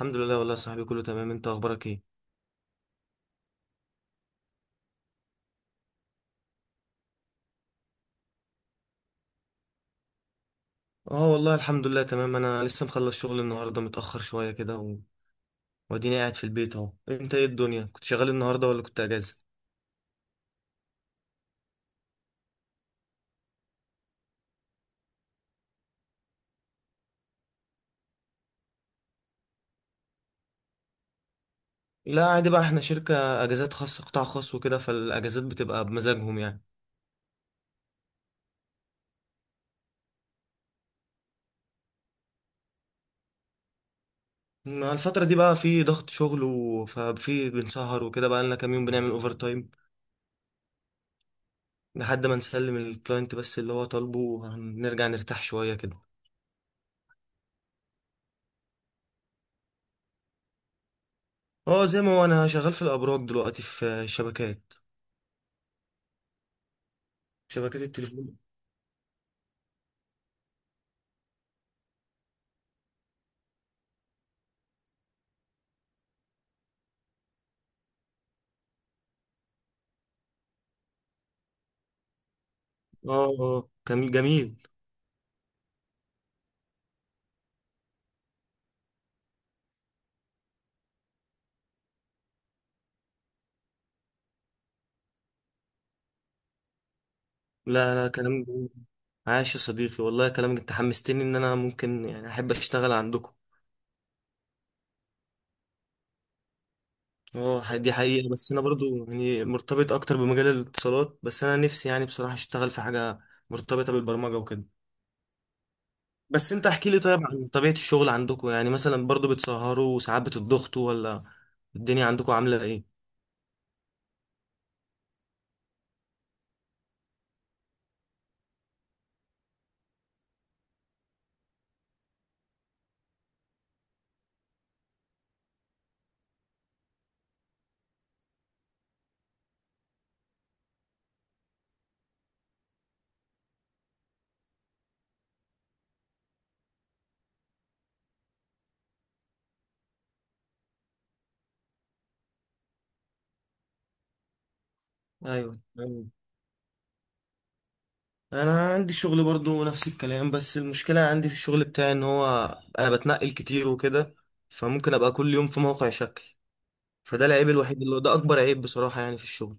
الحمد لله والله يا صاحبي، كله تمام. انت اخبارك ايه؟ اه والله الحمد لله تمام. انا لسه مخلص شغل النهارده متاخر شويه كده واديني قاعد في البيت اهو. انت ايه الدنيا؟ كنت شغال النهارده ولا كنت اجازه؟ لا عادي بقى، احنا شركه اجازات خاصه، قطاع خاص وكده، فالاجازات بتبقى بمزاجهم يعني. ما الفتره دي بقى في ضغط شغل، ففي بنسهر وكده، بقى لنا كام يوم بنعمل اوفر تايم لحد ما نسلم الكلاينت بس اللي هو طالبه، ونرجع نرتاح شويه كده. اه زي ما هو، انا شغال في الابراج دلوقتي، في شبكات، شبكات التليفون. اه، كان جميل. لا لا، كلام جميل. عاش يا صديقي والله، كلامك انت حمستني ان انا ممكن يعني احب اشتغل عندكم. دي حقيقة، بس انا برضو يعني مرتبط اكتر بمجال الاتصالات، بس انا نفسي يعني بصراحة اشتغل في حاجة مرتبطة بالبرمجة وكده. بس انت احكي لي طيب عن طبيعة الشغل عندكم، يعني مثلا برضو بتسهروا وساعات بتضغطوا، ولا الدنيا عندكم عاملة ايه؟ ايوه، انا عندي شغل برضو نفس الكلام، بس المشكله عندي في الشغل بتاعي ان هو انا بتنقل كتير وكده، فممكن ابقى كل يوم في موقع شكل. فده العيب الوحيد، اللي هو ده اكبر عيب بصراحه يعني في الشغل.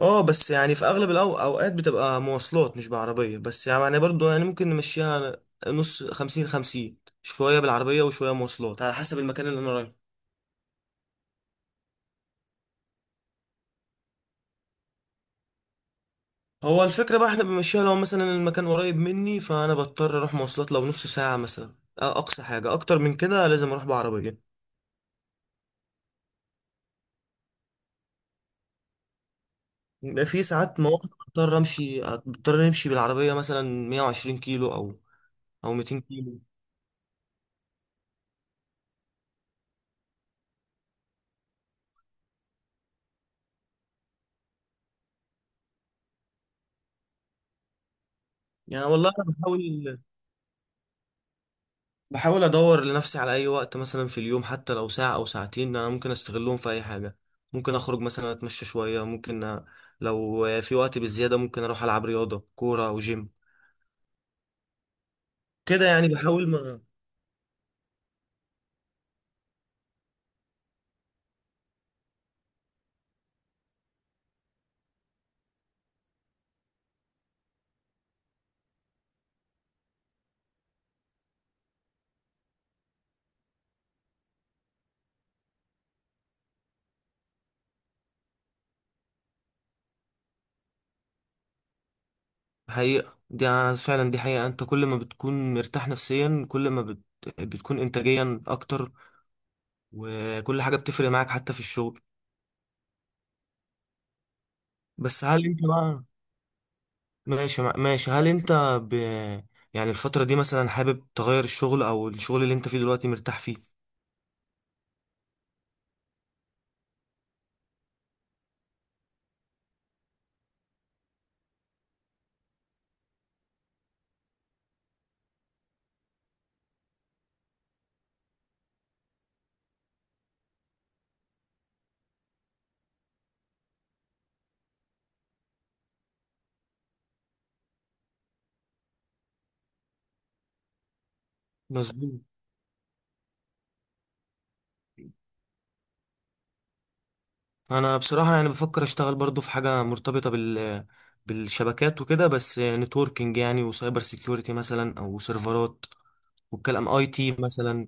اه بس يعني، في اغلب اوقات بتبقى مواصلات مش بعربيه، بس يعني برضو يعني ممكن نمشيها نص، خمسين خمسين، شويه بالعربيه وشويه مواصلات على حسب المكان اللي انا رايحه. هو الفكره بقى احنا بنمشيها، لو مثلا المكان قريب مني فانا بضطر اروح مواصلات، لو نص ساعه مثلا. أقصى حاجة، أكتر من كده لازم أروح بعربية. في ساعات مواقف بضطر نمشي بالعربيه مثلا 120 كيلو او 200 كيلو. يعني والله انا بحاول ادور لنفسي على اي وقت مثلا في اليوم، حتى لو ساعه او ساعتين انا ممكن استغلهم في اي حاجه. ممكن اخرج مثلا اتمشى شويه، ممكن لو في وقت بالزياده ممكن اروح العب رياضه، كوره او جيم كده يعني. بحاول ما. حقيقه، دي انا فعلا دي حقيقه، انت كل ما بتكون مرتاح نفسيا كل ما بتكون انتاجيا اكتر، وكل حاجه بتفرق معاك حتى في الشغل. بس هل انت بقى ماشي، هل انت ب... يعني الفترة دي مثلا حابب تغير الشغل، او الشغل اللي انت فيه دلوقتي مرتاح فيه؟ مظبوط. انا بصراحة يعني بفكر اشتغل برضو في حاجة مرتبطة بالشبكات وكده، بس نتوركينج يعني، وسايبر سيكيورتي مثلا، او سيرفرات والكلام، اي تي مثلا.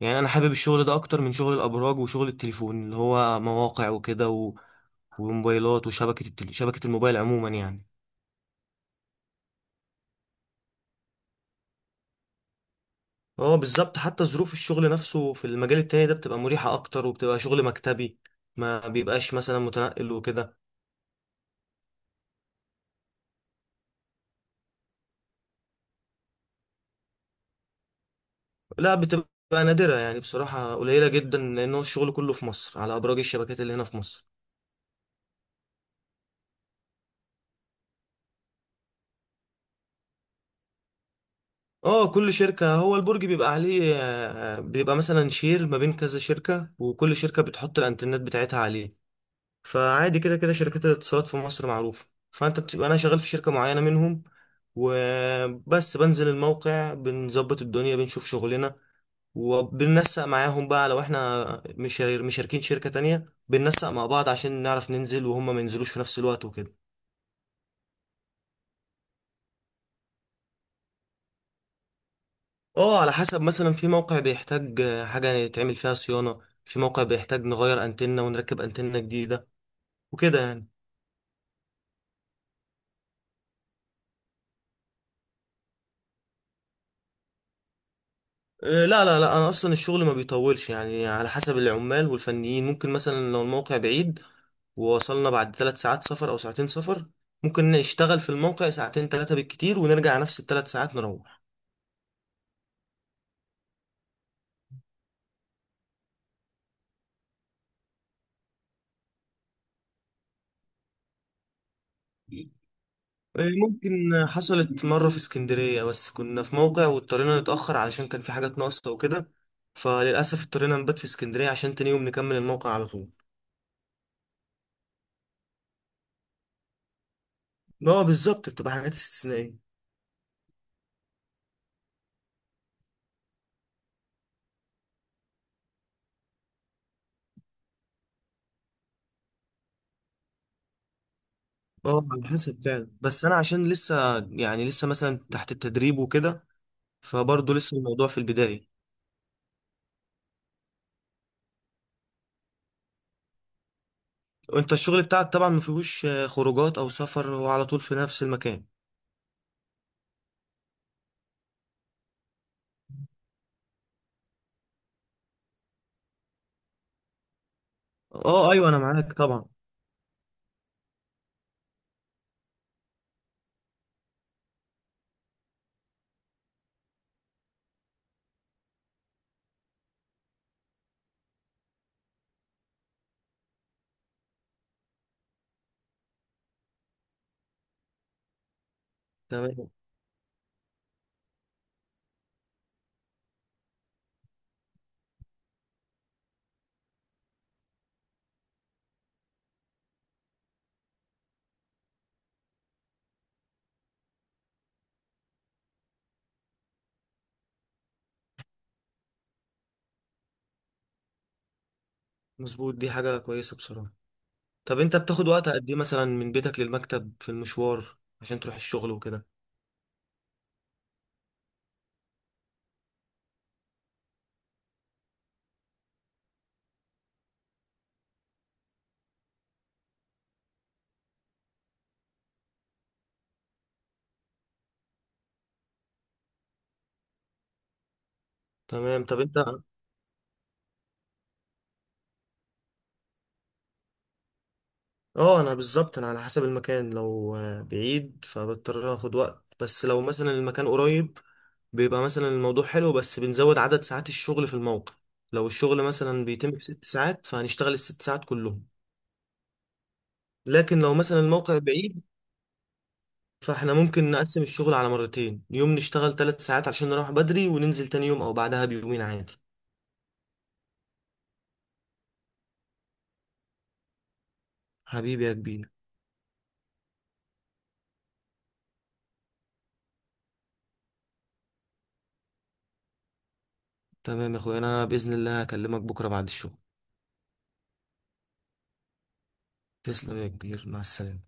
يعني انا حابب الشغل ده اكتر من شغل الابراج وشغل التليفون اللي هو مواقع وكده، وموبايلات شبكة الموبايل عموما يعني. اه بالظبط، حتى ظروف الشغل نفسه في المجال التاني ده بتبقى مريحة اكتر، وبتبقى شغل مكتبي، ما بيبقاش مثلا متنقل وكده. لا بتبقى نادرة يعني بصراحة، قليلة جدا، لان هو الشغل كله في مصر على ابراج الشبكات اللي هنا في مصر. اه كل شركة، هو البرج بيبقى عليه، بيبقى مثلا شير ما بين كذا شركة، وكل شركة بتحط الانترنت بتاعتها عليه، فعادي كده كده. شركات الاتصالات في مصر معروفة، فانت بتبقى، انا شغال في شركة معينة منهم وبس، بنزل الموقع بنظبط الدنيا بنشوف شغلنا، وبننسق معاهم بقى لو احنا مش مشاركين شركة تانية، بننسق مع بعض عشان نعرف ننزل وهم ما ينزلوش في نفس الوقت وكده. اه على حسب، مثلا في موقع بيحتاج حاجة يتعمل فيها صيانة، في موقع بيحتاج نغير انتنة ونركب انتنة جديدة وكده يعني. لا لا لا، انا اصلا الشغل ما بيطولش يعني، على حسب العمال والفنيين. ممكن مثلا لو الموقع بعيد ووصلنا بعد ثلاث ساعات سفر او ساعتين سفر، ممكن نشتغل في الموقع ساعتين، ثلاثة بالكتير، ونرجع نفس الثلاث ساعات نروح. ممكن. حصلت مرة في اسكندرية، بس كنا في موقع واضطرينا نتأخر علشان كان في حاجات ناقصة وكده، فللأسف اضطرينا نبات في اسكندرية عشان تاني يوم نكمل الموقع على طول. اه بالظبط، بتبقى حاجات استثنائية. اه على حسب فعلا، بس أنا عشان لسه يعني، لسه مثلا تحت التدريب وكده، فبرضه لسه الموضوع في البداية. وانت الشغل بتاعك طبعا مفيهوش خروجات أو سفر، هو على طول في نفس المكان. اه أيوه أنا معاك طبعا. تمام. مظبوط، دي حاجة كويسة بصراحة. طب انت بتاخد وقت قد ايه مثلا من بيتك للمكتب في المشوار عشان تروح الشغل وكده؟ تمام، طب انت. اه انا بالظبط، انا على حسب المكان، لو بعيد فبضطر اخد وقت، بس لو مثلا المكان قريب بيبقى مثلا الموضوع حلو، بس بنزود عدد ساعات الشغل في الموقع. لو الشغل مثلا بيتم في ست ساعات فهنشتغل الست ساعات كلهم. لكن لو مثلا الموقع بعيد، فاحنا ممكن نقسم الشغل على مرتين، يوم نشتغل ثلاث ساعات عشان نروح بدري، وننزل تاني يوم او بعدها بيومين عادي. حبيبي يا كبير. تمام يا اخويا، انا باذن الله هكلمك بكره بعد الشغل. تسلم يا كبير، مع السلامه.